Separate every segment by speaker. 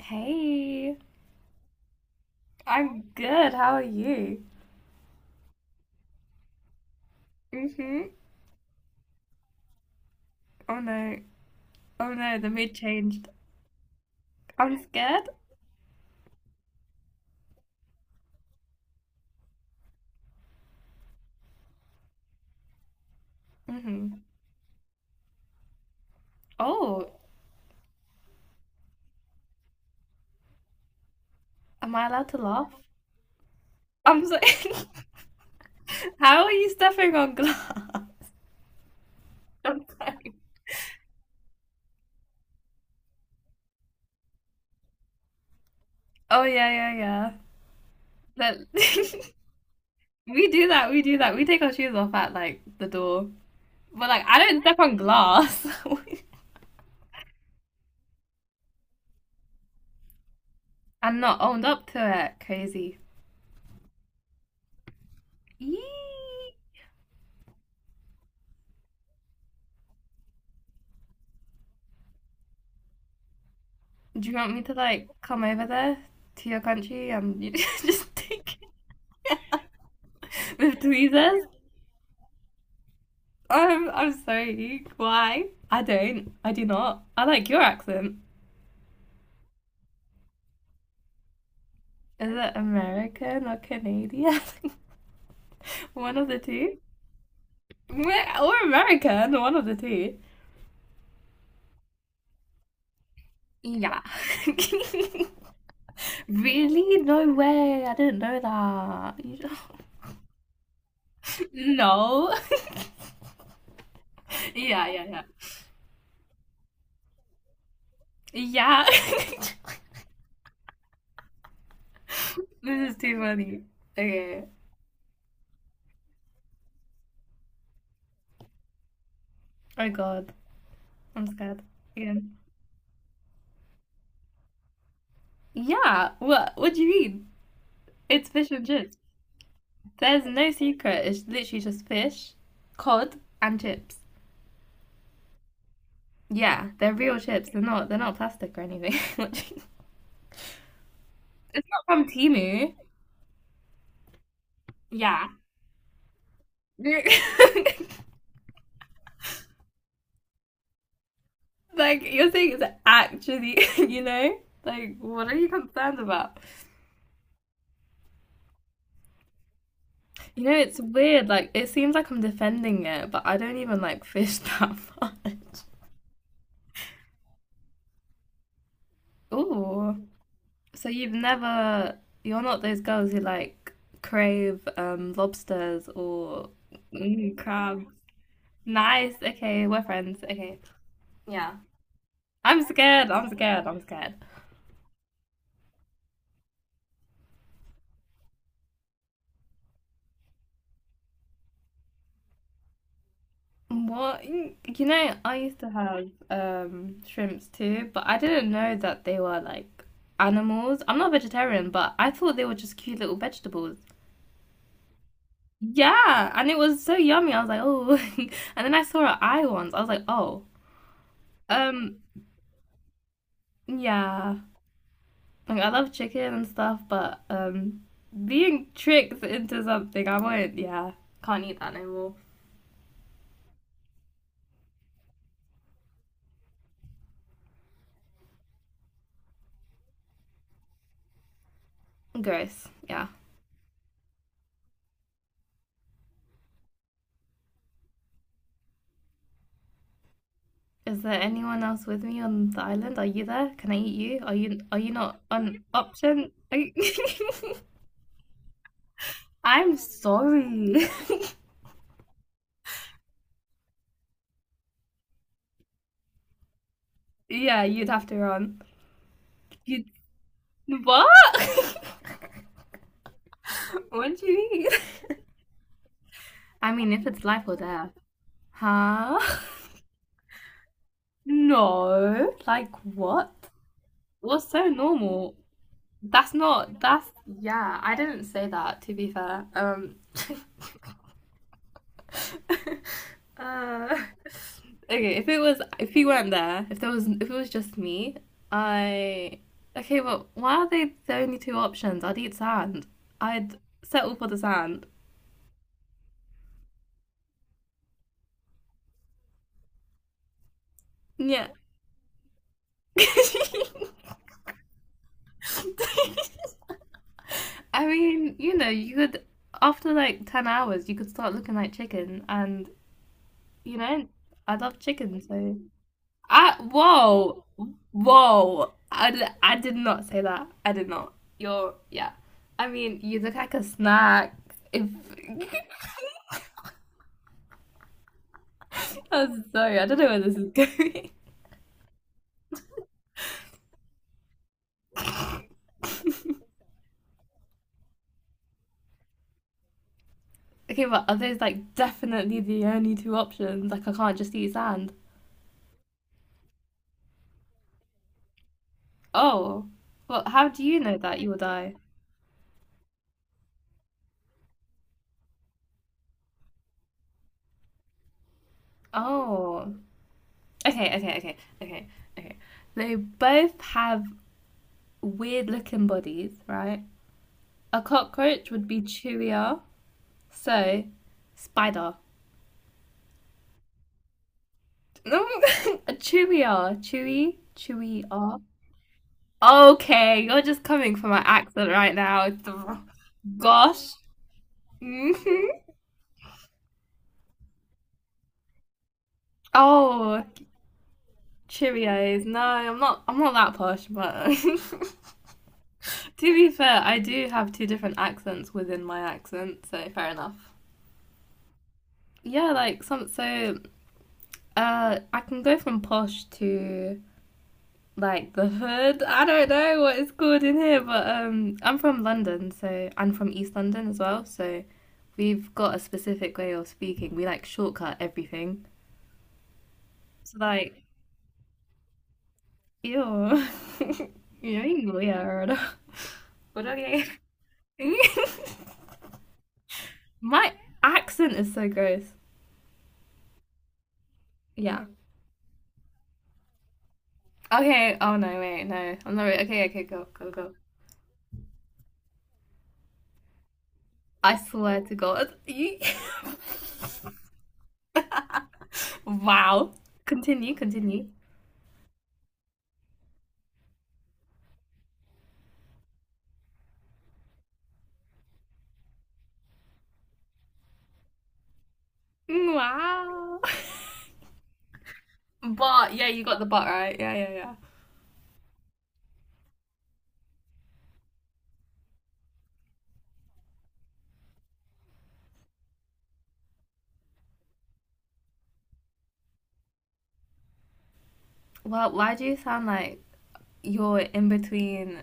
Speaker 1: Hey, I'm good. How are you? Mm-hmm. Oh no. Oh no, the mood changed. I'm scared. Mm-hmm. Oh, am I allowed to laugh? I'm so How are you stepping on glass? Oh yeah, yeah, yeah. That We do that. We take our shoes off at like the door. But like I don't step on glass. I'm not owned up to it. Crazy. Eee. Do you want me to like come over there to your country and you just take it with tweezers? I'm sorry. Why? I don't. I do not. I like your accent. Is it American or Canadian? One of the two. Meh, or American, one of the two. Yeah. Really? No way. I didn't know that. No. Yeah, yeah, yeah. Yeah. This is too funny. Okay. Oh god. I'm scared again. Yeah, what? What do you mean? It's fish and chips. There's no secret. It's literally just fish, cod, and chips. Yeah, they're real chips. They're not plastic or anything. It's not from Timu. Yeah. Like you're saying, it's actually. You know. Like, what are you concerned about? You know, it's weird. Like, it seems like I'm defending it, but I don't even like fish that much. Ooh, so you've never, you're not those girls who like crave lobsters or mm, crabs. Nice. Okay, we're friends. Okay. Yeah. I'm scared. I'm scared. I'm scared. What? You know, I used to have shrimps too, but I didn't know that they were like animals. I'm not vegetarian, but I thought they were just cute little vegetables. Yeah, and it was so yummy. I was like, oh, and then I saw an eye once. I was like, oh, um, yeah. Like I love chicken and stuff, but being tricked into something, I won't. Yeah, can't eat that anymore. Gross. Yeah. Is there anyone else with me on the island? Are you there? Can I eat you? Are you not an option? you- I'm sorry. Yeah, you'd have to run. You what? What do you mean? I mean, if it's life or death. Huh? No. Like what? What's so normal? That's yeah, I didn't say that to be fair. Uh, okay, if it was if he weren't there, if it was just me, I okay, well why are they the only two options? I'd eat sand. I'd settle for the sand. Yeah. I mean, you know, you could after like 10 hours you could start looking like chicken and you know, I love chicken so I whoa. I did not say that. I did not you're yeah, I mean you look like a snack if I'm sorry I don't know where this is going. Okay, but are those like definitely the only two options? Like I can't just eat sand? Oh, well how do you know that you will die? Oh, okay okay okay okay okay, they both have weird looking bodies, right? A cockroach would be chewier. So, spider. No. A chewier. Chewy? Chewier. Okay, you're just coming for my accent right now. Gosh. Hmm. Oh, Cheerios. No, I'm not. I'm not that posh, but to be fair, I do have two different accents within my accent, so fair enough. Yeah, like some. So, I can go from posh to like the hood. I don't know what it's called in here, but I'm from London, so I'm from East London as well. So we've got a specific way of speaking. We like shortcut everything. So like, ew, you're weird. But okay, my accent is so gross. Yeah. Okay. Oh no, wait, no, I'm not. Okay, okay, go, go, go. I swear to God, wow. Continue, continue. Wow. But yeah, you got the but right. Yeah, yeah, yeah. Well, why do you sound like you're in between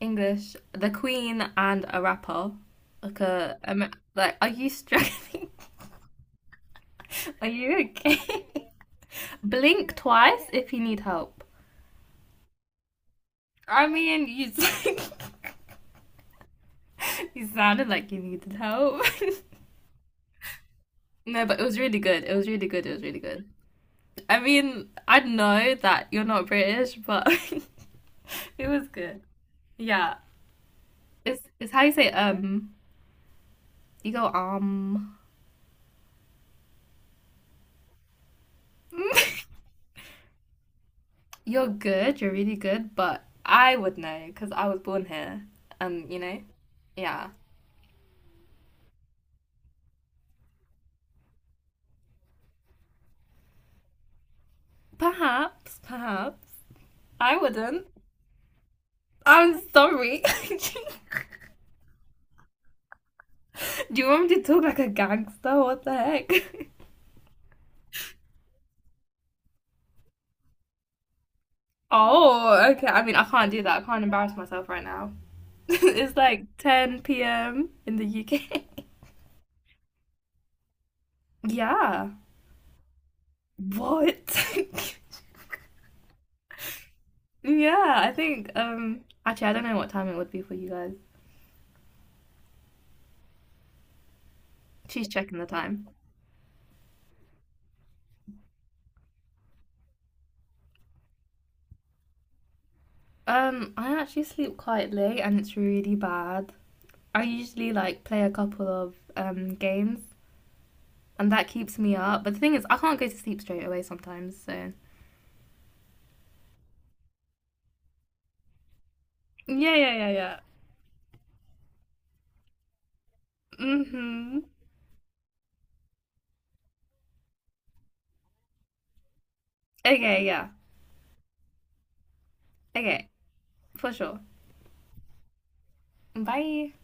Speaker 1: English, the Queen, and a rapper? Like a, like, are you struggling? Are you okay? Blink twice if you need help. I mean, you you sounded like you needed help. No, but it was really good. It was really good. It was really good. I mean, I know that you're not British, but it was good. Yeah, it's how you say. You go, you're good, you're really good, but I would know because I was born here. And, you know, yeah. Perhaps, perhaps, I wouldn't. I'm sorry. Do you want me to talk like a gangster? What the heck? Oh, okay. I mean, I can't do that. I can't embarrass myself right now. It's like 10 p.m. in the UK. Yeah. What? Yeah, I think actually I don't know what time it would be for you guys. She's checking the time. I actually sleep quite late and it's really bad. I usually like play a couple of games and that keeps me up. But the thing is, I can't go to sleep straight away sometimes. So yeah, yeah, yeah, yeah. Mhm. Okay, yeah. Okay, for sure. Bye.